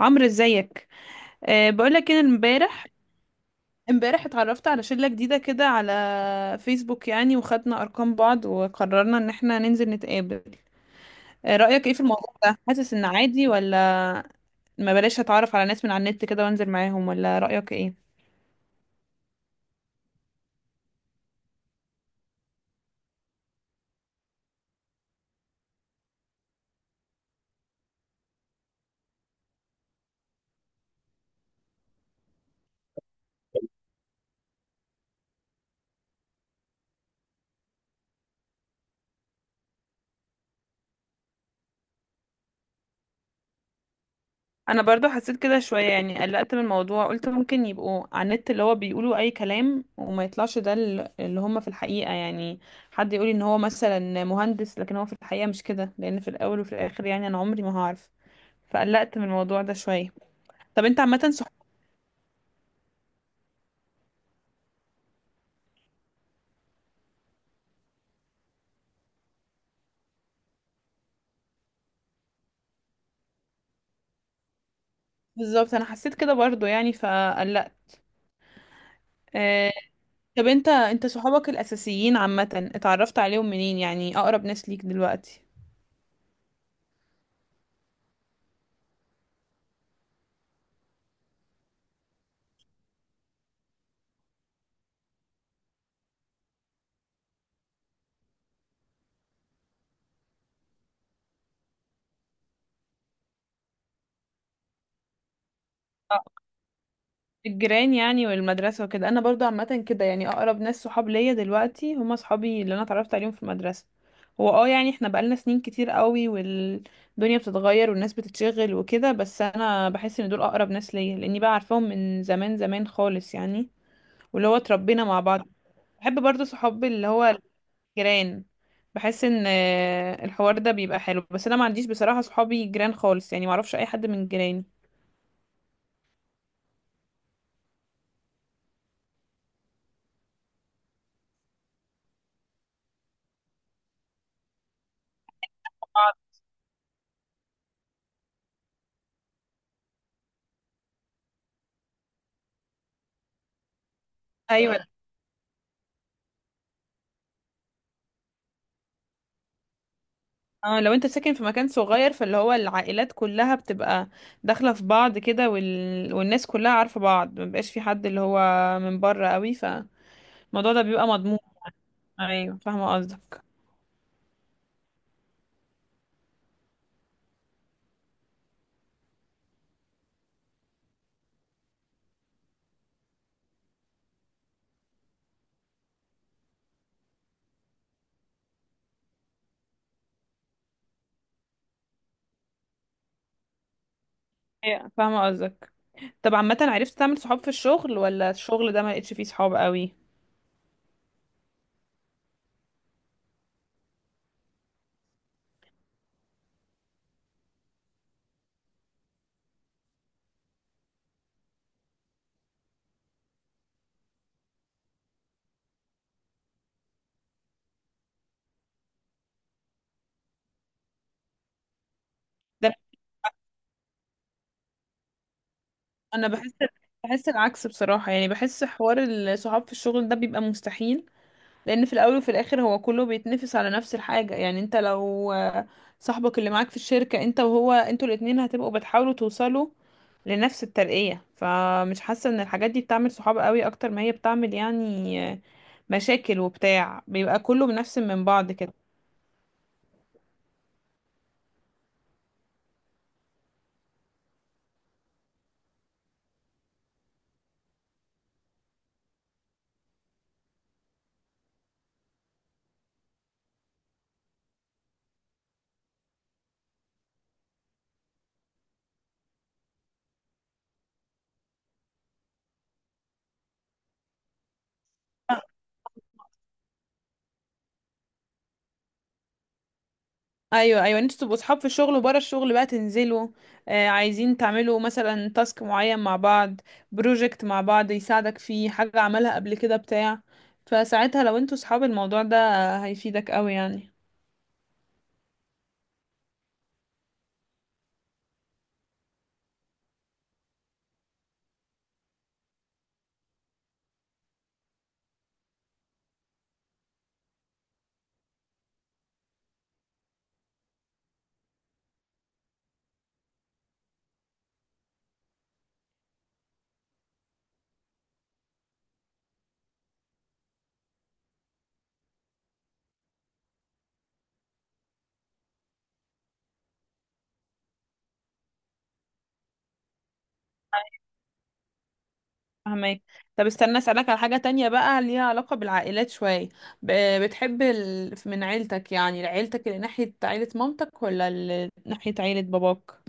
عمرو، ازيك؟ بقولك ان امبارح اتعرفت على شلة جديدة كده على فيسبوك يعني، وخدنا ارقام بعض وقررنا ان احنا ننزل نتقابل. رأيك ايه في الموضوع ده؟ حاسس ان عادي، ولا ما بلاش اتعرف على ناس من على النت كده وانزل معاهم، ولا رأيك ايه؟ انا برضو حسيت كده شوية يعني قلقت من الموضوع، قلت ممكن يبقوا على النت اللي هو بيقولوا اي كلام وما يطلعش ده اللي هم في الحقيقة، يعني حد يقولي ان هو مثلا مهندس لكن هو في الحقيقة مش كده، لان في الاول وفي الاخر يعني انا عمري ما هعرف. فقلقت من الموضوع ده شوية. طب انت عامة صح؟ بالظبط، انا حسيت كده برضو يعني فقلقت. آه. طب انت صحابك الاساسيين عامة اتعرفت عليهم منين؟ يعني اقرب ناس ليك دلوقتي. اه. الجيران يعني والمدرسة وكده. انا برضو عامة كده، يعني اقرب ناس صحاب ليا دلوقتي هم صحابي اللي انا اتعرفت عليهم في المدرسة. هو يعني احنا بقالنا سنين كتير قوي، والدنيا بتتغير والناس بتتشغل وكده، بس انا بحس ان دول اقرب ناس ليا لاني بقى عارفاهم من زمان زمان خالص يعني، واللي هو اتربينا مع بعض. بحب برضه صحابي اللي هو الجيران. بحس ان الحوار ده بيبقى حلو، بس انا ما عنديش بصراحة صحابي جيران خالص يعني، ما اعرفش اي حد من جيراني. ايوه. اه، لو انت ساكن في مكان صغير فاللي هو العائلات كلها بتبقى داخله في بعض كده، والناس كلها عارفه بعض، ما بيبقاش في حد اللي هو من بره قوي، فالموضوع ده بيبقى مضمون. ايوه، فاهمه قصدك. ايوه، فاهمه قصدك. طب عامه عرفت تعمل صحاب في الشغل، ولا الشغل ده ما لقيتش فيه صحاب قوي؟ ده انا بحس العكس بصراحة، يعني بحس حوار الصحاب في الشغل ده بيبقى مستحيل، لان في الاول وفي الاخر هو كله بيتنافس على نفس الحاجة، يعني انت لو صاحبك اللي معاك في الشركة انت وهو، انتوا الاتنين هتبقوا بتحاولوا توصلوا لنفس الترقية، فمش حاسة ان الحاجات دي بتعمل صحاب قوي اكتر ما هي بتعمل يعني مشاكل وبتاع، بيبقى كله بنفس من بعض كده. ايوه، ايوه، انتوا تبقوا صحاب في الشغل وبره الشغل بقى تنزلوا، عايزين تعملوا مثلا تاسك معين مع بعض، بروجكت مع بعض يساعدك فيه حاجة عملها قبل كده بتاع، فساعتها لو انتوا صحاب الموضوع ده هيفيدك قوي يعني. فهمك. طب استنى اسألك على حاجة تانية بقى ليها علاقة بالعائلات شوية. بتحب من عيلتك، يعني عيلتك اللي ناحية عيلة مامتك ولا اللي ناحية عيلة باباك؟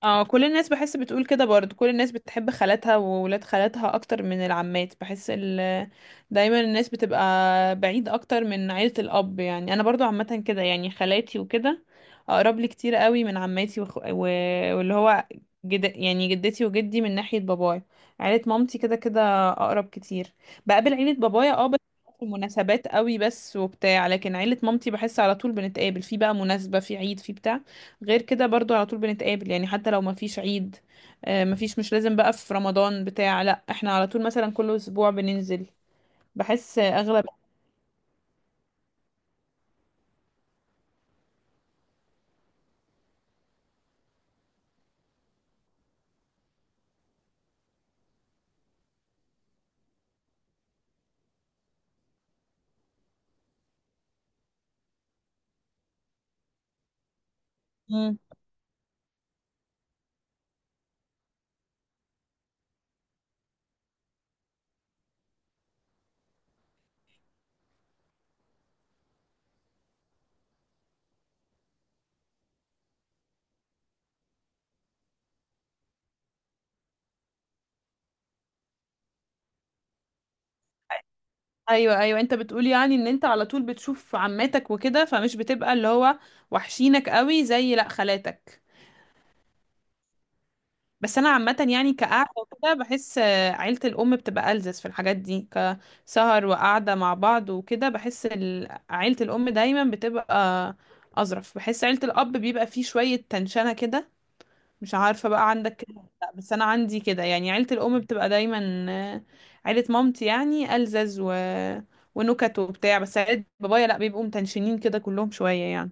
اه، كل الناس بحس بتقول كده برضه، كل الناس بتحب خالاتها وولاد خالاتها اكتر من العمات، بحس دايما الناس بتبقى بعيد اكتر من عيلة الاب يعني. انا برضو عامة كده يعني خالاتي وكده اقرب لي كتير قوي من عماتي واللي هو يعني جدتي وجدي من ناحية بابايا. عيلة مامتي كده كده اقرب كتير. بقابل عيلة بابايا، اه، بس في مناسبات قوي بس وبتاع، لكن عيلة مامتي بحس على طول بنتقابل، في بقى مناسبة، في عيد، في بتاع، غير كده برضو على طول بنتقابل يعني حتى لو مفيش عيد، مفيش، مش لازم بقى في رمضان بتاع، لا احنا على طول مثلا كل اسبوع بننزل. بحس اغلب. مم. ايوه، ايوه، انت بتقول يعني ان انت على طول بتشوف عماتك وكده فمش بتبقى اللي هو وحشينك قوي زي لا خالاتك. بس انا عامه يعني كقعده وكده بحس عيله الام بتبقى ألذذ في الحاجات دي، كسهر وقعده مع بعض وكده. بحس عيله الام دايما بتبقى اظرف، بحس عيله الاب بيبقى فيه شويه تنشنه كده. مش عارفة بقى عندك كده ولا لا، بس أنا عندي كده، يعني عيلة الأم بتبقى دايما عيلة مامتي يعني ألزز ونكت وبتاع، بس عيلة بابايا لأ بيبقوا متنشنين كده كلهم شوية يعني.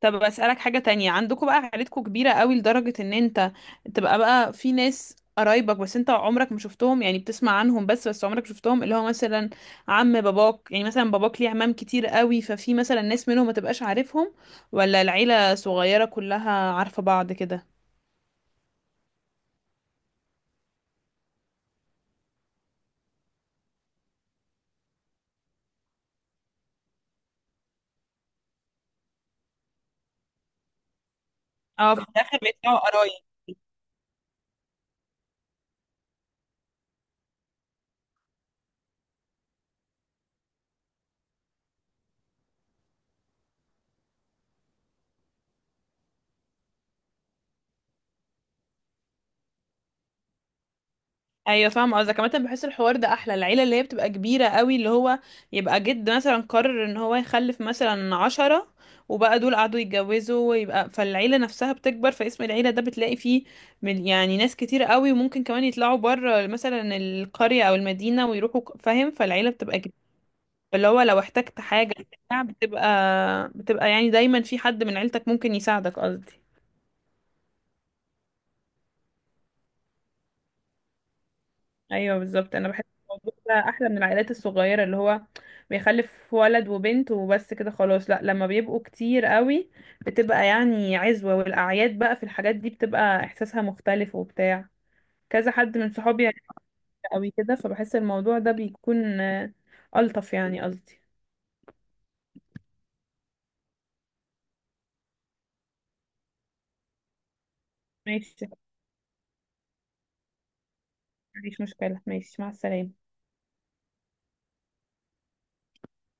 طب أسألك حاجة تانية، عندكم بقى عيلتكم كبيرة قوي لدرجة إن أنت تبقى بقى في ناس قرايبك بس انت عمرك ما شفتهم، يعني بتسمع عنهم بس عمرك ما شفتهم، اللي هو مثلا عم باباك، يعني مثلا باباك ليه عمام كتير قوي ففي مثلا ناس منهم ما تبقاش عارفهم، ولا العيلة صغيرة كلها عارفة بعض كده؟ اه، في الاخر بيدفعوا قرايب. ايوه، فاهمه قصدك. كمان بحس الحوار ده احلى، العيله اللي هي بتبقى كبيره قوي، اللي هو يبقى جد مثلا قرر ان هو يخلف مثلا 10، وبقى دول قعدوا يتجوزوا ويبقى فالعيله نفسها بتكبر، فاسم العيله ده بتلاقي فيه من يعني ناس كتير قوي، وممكن كمان يطلعوا بره مثلا القريه او المدينه ويروحوا فاهم. فالعيله بتبقى كبيره، اللي هو لو احتجت حاجه بتاع بتبقى يعني دايما في حد من عيلتك ممكن يساعدك قصدي. ايوه، بالظبط. انا بحس الموضوع ده احلى من العائلات الصغيره اللي هو بيخلف ولد وبنت وبس كده خلاص، لا لما بيبقوا كتير قوي بتبقى يعني عزوه، والاعياد بقى في الحاجات دي بتبقى احساسها مختلف وبتاع، كذا حد من صحابي يعني قوي كده، فبحس الموضوع ده بيكون الطف يعني قصدي. ماشي. مفيش مشكله. ماشي، مع السلامه.